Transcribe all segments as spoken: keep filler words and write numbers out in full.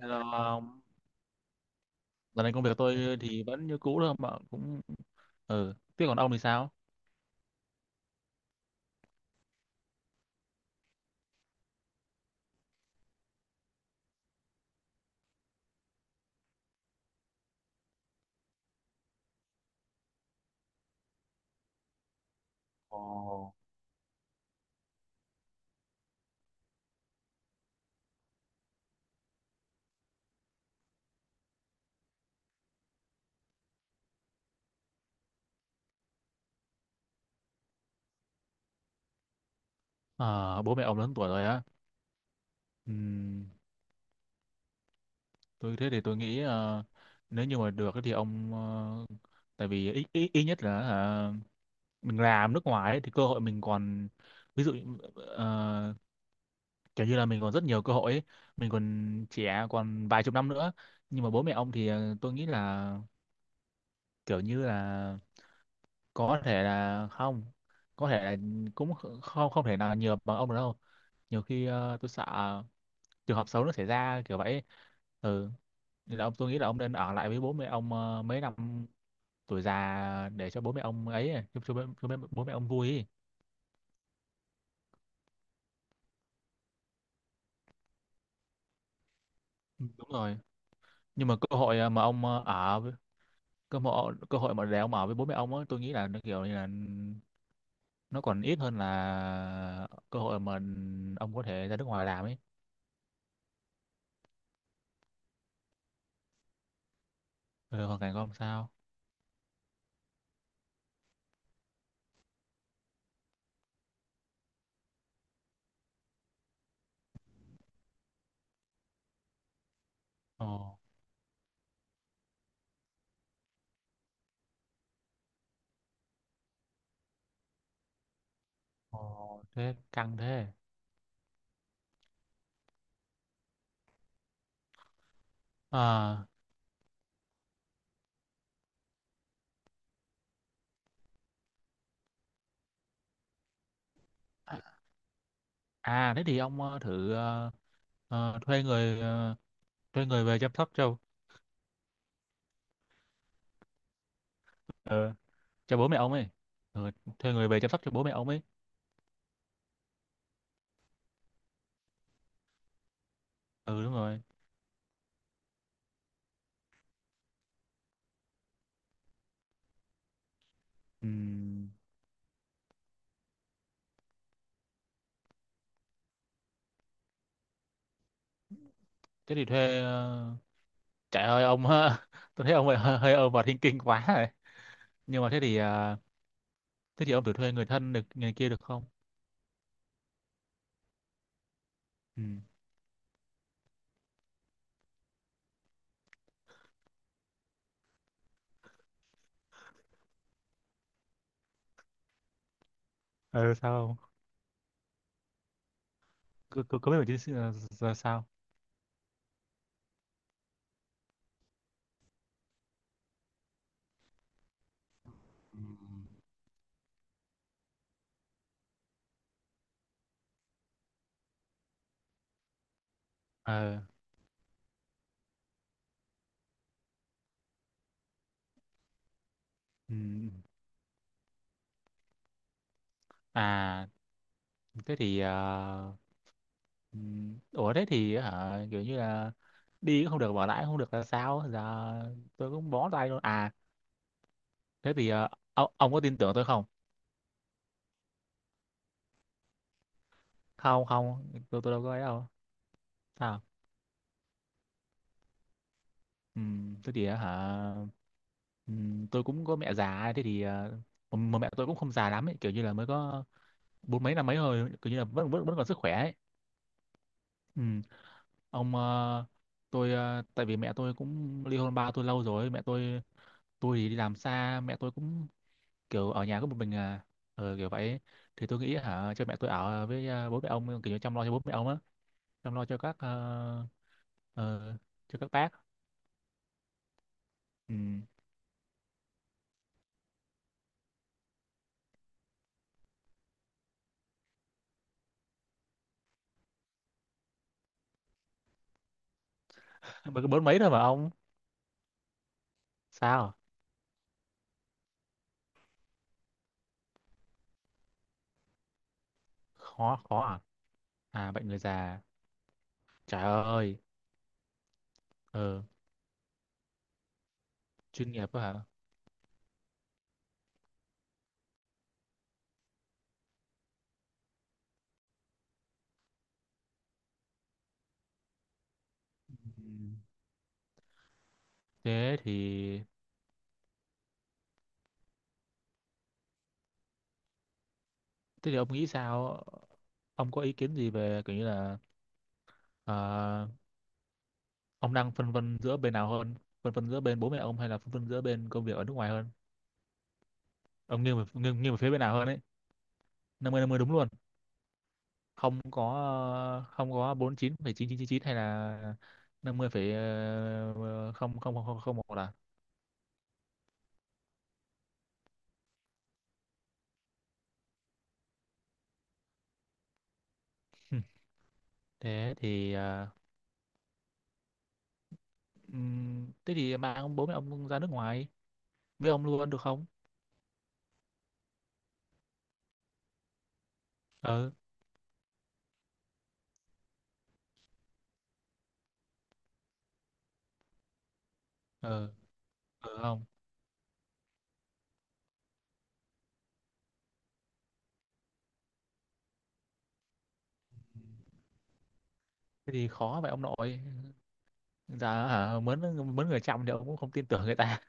Hello ông. Lần này công việc tôi thì vẫn như cũ thôi mà cũng ừ. Thế còn ông thì sao? Ồ. Ờ, bố mẹ ông lớn tuổi rồi á. Ừm, tôi thế thì tôi nghĩ ờ, nếu như mà được ấy thì ông, ờ, tại vì ít ít ít nhất là ờ, mình làm nước ngoài ấy, thì cơ hội mình còn, ví dụ ờ, kiểu như là mình còn rất nhiều cơ hội ấy. Mình còn trẻ, còn vài chục năm nữa. Nhưng mà bố mẹ ông thì ờ, tôi nghĩ là kiểu như là có thể là không, có thể là cũng không, không thể nào nhiều bằng ông được đâu. Nhiều khi ờ, tôi sợ trường hợp xấu nó xảy ra kiểu vậy. Ừ. Nên là ông, tôi nghĩ là ông nên ở lại với bố mẹ ông ờ, mấy năm tuổi già, để cho bố mẹ ông ấy, à, cho, cho, bố- cho bố mẹ bố mẹ ông vui ấy. Ừ, đúng rồi, nhưng mà cơ hội ờ, mà ông ờ, ở với- cơ hội cơ hội mà để ông ở với bố mẹ ông ấy, tôi nghĩ là nó kiểu như là nó còn ít hơn là cơ hội mà ông có thể ra nước ngoài làm ấy. Ừ, hoàn cảnh của ông sao? Ờ. Ồ, thế căng thế. Ờ, à, à thế thì ông ờ, thử ờ, ờ, thuê người, ờ, thuê người về chăm sóc cho, ờ, cho bố mẹ ông ấy. Ừ, thuê người về chăm sóc cho bố mẹ ông ấy. Ừ, đúng rồi. Ừm, thế thì thuê ờ, trời ơi ông. Tôi thấy ông hơi hơi over thinking quá rồi. Nhưng mà thế thì ờ, thế thì ông thử thuê người thân được, người kia được không? Ừ. Ừ sao không? Cứ cứ cứ biết mình chứ. ờ, sao? Ừ. Ờ. Ừ. À thế thì ờ, ừ. Ủa thế thì hả, kiểu như là đi cũng không được, bỏ lại cũng không được, là sao giờ? Tôi cũng bó tay luôn à. Thế thì ờ, ông, ông có tin tưởng tôi không? Không không, tôi tôi đâu có ấy đâu. Sao? Ừ, thế thì ờ, hả. Ừ, tôi cũng có mẹ già, thế thì ờ, mà, mà mẹ tôi cũng không già lắm ấy, kiểu như là mới có bốn mấy, năm mấy thôi, kiểu như là vẫn vẫn vẫn còn sức khỏe ấy. Ừ, ông, ờ, tôi ờ, tại vì mẹ tôi cũng ly hôn ba tôi lâu rồi, mẹ tôi tôi thì đi làm xa, mẹ tôi cũng kiểu ở nhà có một mình à. Ừ, kiểu vậy. Thì tôi nghĩ hả cho mẹ tôi ở với à, bố mẹ ông, kiểu như chăm lo cho bố mẹ ông á, chăm lo cho các ờ, ờ, cho các bác. Ừ. Mới có bốn mấy thôi mà ông. Sao? Khó, khó à? À, bệnh người già. Trời ơi. Ừ, chuyên nghiệp quá hả. Ừ. Thế thì thế thì ông nghĩ sao? Ông có ý kiến gì về kiểu như là ờ, ông đang phân vân giữa bên nào hơn? Phân vân giữa bên bố mẹ ông, hay là phân vân giữa bên công việc ở nước ngoài hơn? Ông nghiêng về nghiêng, nghiêng về phía bên nào hơn ấy? Năm mươi năm mươi đúng luôn? Không có ờ, không có bốn mươi chín phẩy chín chín, chín phẩy chín hay là năm mươi phẩy ờ, không không không không không một là? Thế thì ờ, ừm, thế thì mang ông, bố mẹ ông ra nước ngoài với ông luôn được không? Ờ. Ờ. Ờ không. Thế thì khó vậy ông nội. Dạ hả, mướn, mướn người chăm thì ông cũng không tin tưởng người ta.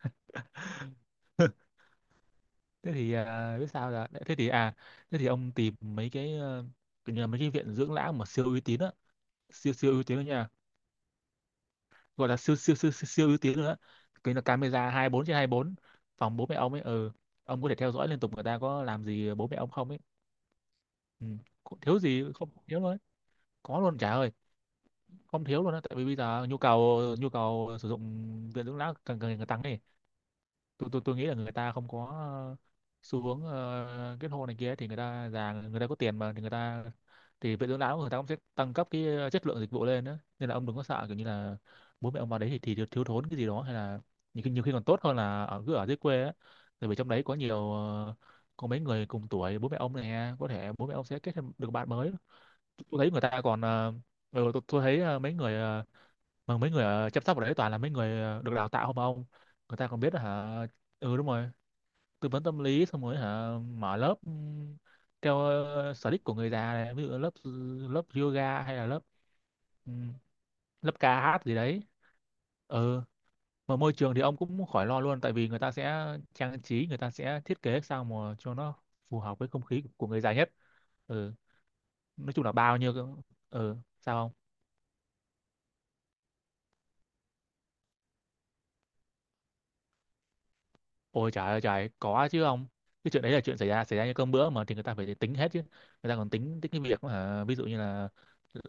Thế thì à, biết sao, là thế thì à, thế thì ông tìm mấy cái ờ, kiểu như là mấy cái viện dưỡng lão mà siêu uy tín á. Siêu siêu uy tín đó nha, gọi là siêu siêu siêu siêu, siêu ưu tiên nữa. Cái là camera hai mươi tư trên hai mươi bốn phòng bố mẹ ông ấy, ừ, ông có thể theo dõi liên tục người ta có làm gì bố mẹ ông không ấy. Ừ. Cũng thiếu gì, không thiếu luôn ấy. Có luôn trả ơi, không thiếu luôn á, tại vì bây giờ nhu cầu, nhu cầu sử dụng viện dưỡng lão càng, càng ngày càng tăng ấy. Tôi tôi tôi nghĩ là người ta không có ờ, xu hướng ờ, kết hôn này kia, thì người ta già, người ta có tiền mà, thì người ta, thì viện dưỡng lão người ta cũng sẽ tăng cấp cái ờ, chất lượng dịch vụ lên đó. Nên là ông đừng có sợ kiểu như là bố mẹ ông vào đấy thì, thì thiếu, thiếu thốn cái gì đó, hay là nhiều khi, nhiều khi còn tốt hơn là ở, cứ ở dưới quê á, tại vì trong đấy có nhiều ờ, có mấy người cùng tuổi bố mẹ ông này, có thể bố mẹ ông sẽ kết thêm được bạn mới. Tôi thấy người ta còn ờ, ừ, tôi, tôi thấy ờ, mấy người ờ, mà mấy người ở chăm sóc ở đấy toàn là mấy người ờ, được đào tạo không mà ông. Người ta còn biết hả. Ừ, đúng rồi. Tư vấn tâm lý, xong rồi hả, mở lớp ừm, theo ờ, sở thích của người già này, ví dụ lớp ừ, lớp yoga, hay là lớp ừm, lớp ca hát gì đấy. Ừ. Mà môi trường thì ông cũng khỏi lo luôn, tại vì người ta sẽ trang trí, người ta sẽ thiết kế sao mà cho nó phù hợp với không khí của người già nhất. Ừ. Nói chung là bao nhiêu. Ừ, sao không? Ôi trời ơi trời, có chứ ông. Cái chuyện đấy là chuyện xảy ra, xảy ra như cơm bữa mà, thì người ta phải tính hết chứ. Người ta còn tính tính cái việc mà ví dụ như là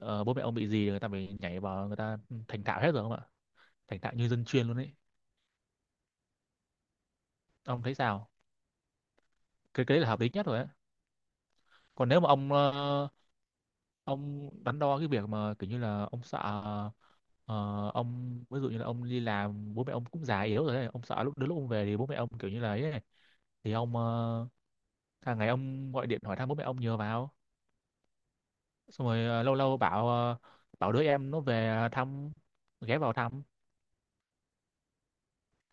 ờ, bố mẹ ông bị gì, người ta phải nhảy vào, người ta ừ, thành thạo hết rồi không ạ? Thành thạo như dân chuyên luôn ấy. Ông thấy sao? Cái cái đấy là hợp lý nhất rồi ấy. Còn nếu mà ông ờ, ông đắn đo cái việc mà kiểu như là ông sợ ờ, ông ví dụ như là ông đi làm, bố mẹ ông cũng già yếu rồi ấy. Ông sợ lúc đến lúc ông về thì bố mẹ ông kiểu như là ấy, ấy. Thì ông ờ, hàng ngày ông gọi điện hỏi thăm bố mẹ ông nhờ vào, xong rồi ờ, lâu lâu bảo ờ, bảo đứa em nó về thăm, ghé vào thăm.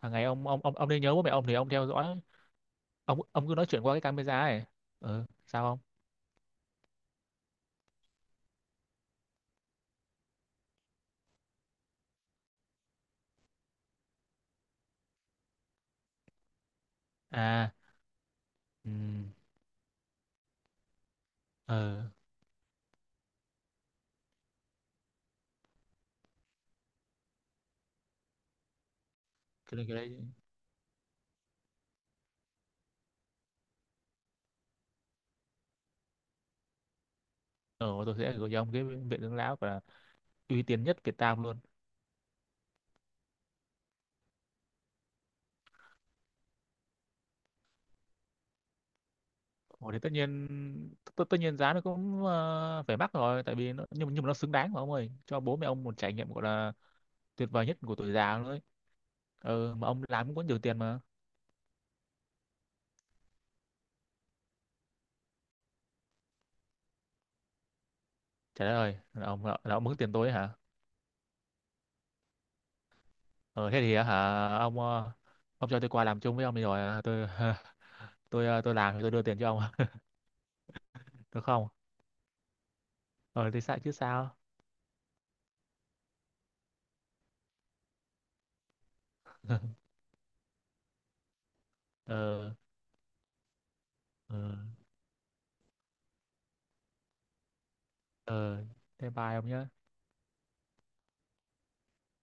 Hàng ngày ông ông ông ông nên nhớ bố mẹ ông thì ông theo dõi, ông ông cứ nói chuyện qua cái camera ấy. Ừ, sao không? À, ừ, ờ. Cái đấy, cái đấy, ờ, tôi sẽ gửi cho ông cái viện dưỡng lão và uy tín nhất Việt Nam luôn. Ồ, thì tất nhiên, tất, tất nhiên giá nó cũng ờ, phải mắc rồi, tại vì nó, nhưng mà, nhưng mà nó xứng đáng mà ông ơi, cho bố mẹ ông một trải nghiệm gọi là tuyệt vời nhất của tuổi già luôn đấy. Ừ, mà ông làm cũng có nhiều tiền mà. Trả lời là ông là, là ông mướn tiền tôi ấy hả? Ờ thế thì á hả ông ờ, ông cho tôi qua làm chung với ông đi, rồi ờ, tôi tôi ờ, tôi làm thì tôi đưa tiền cho ông. Được không? Ờ thì sao chứ, sao? Ờ. Ờ. Ờ, thế bye ông nhé.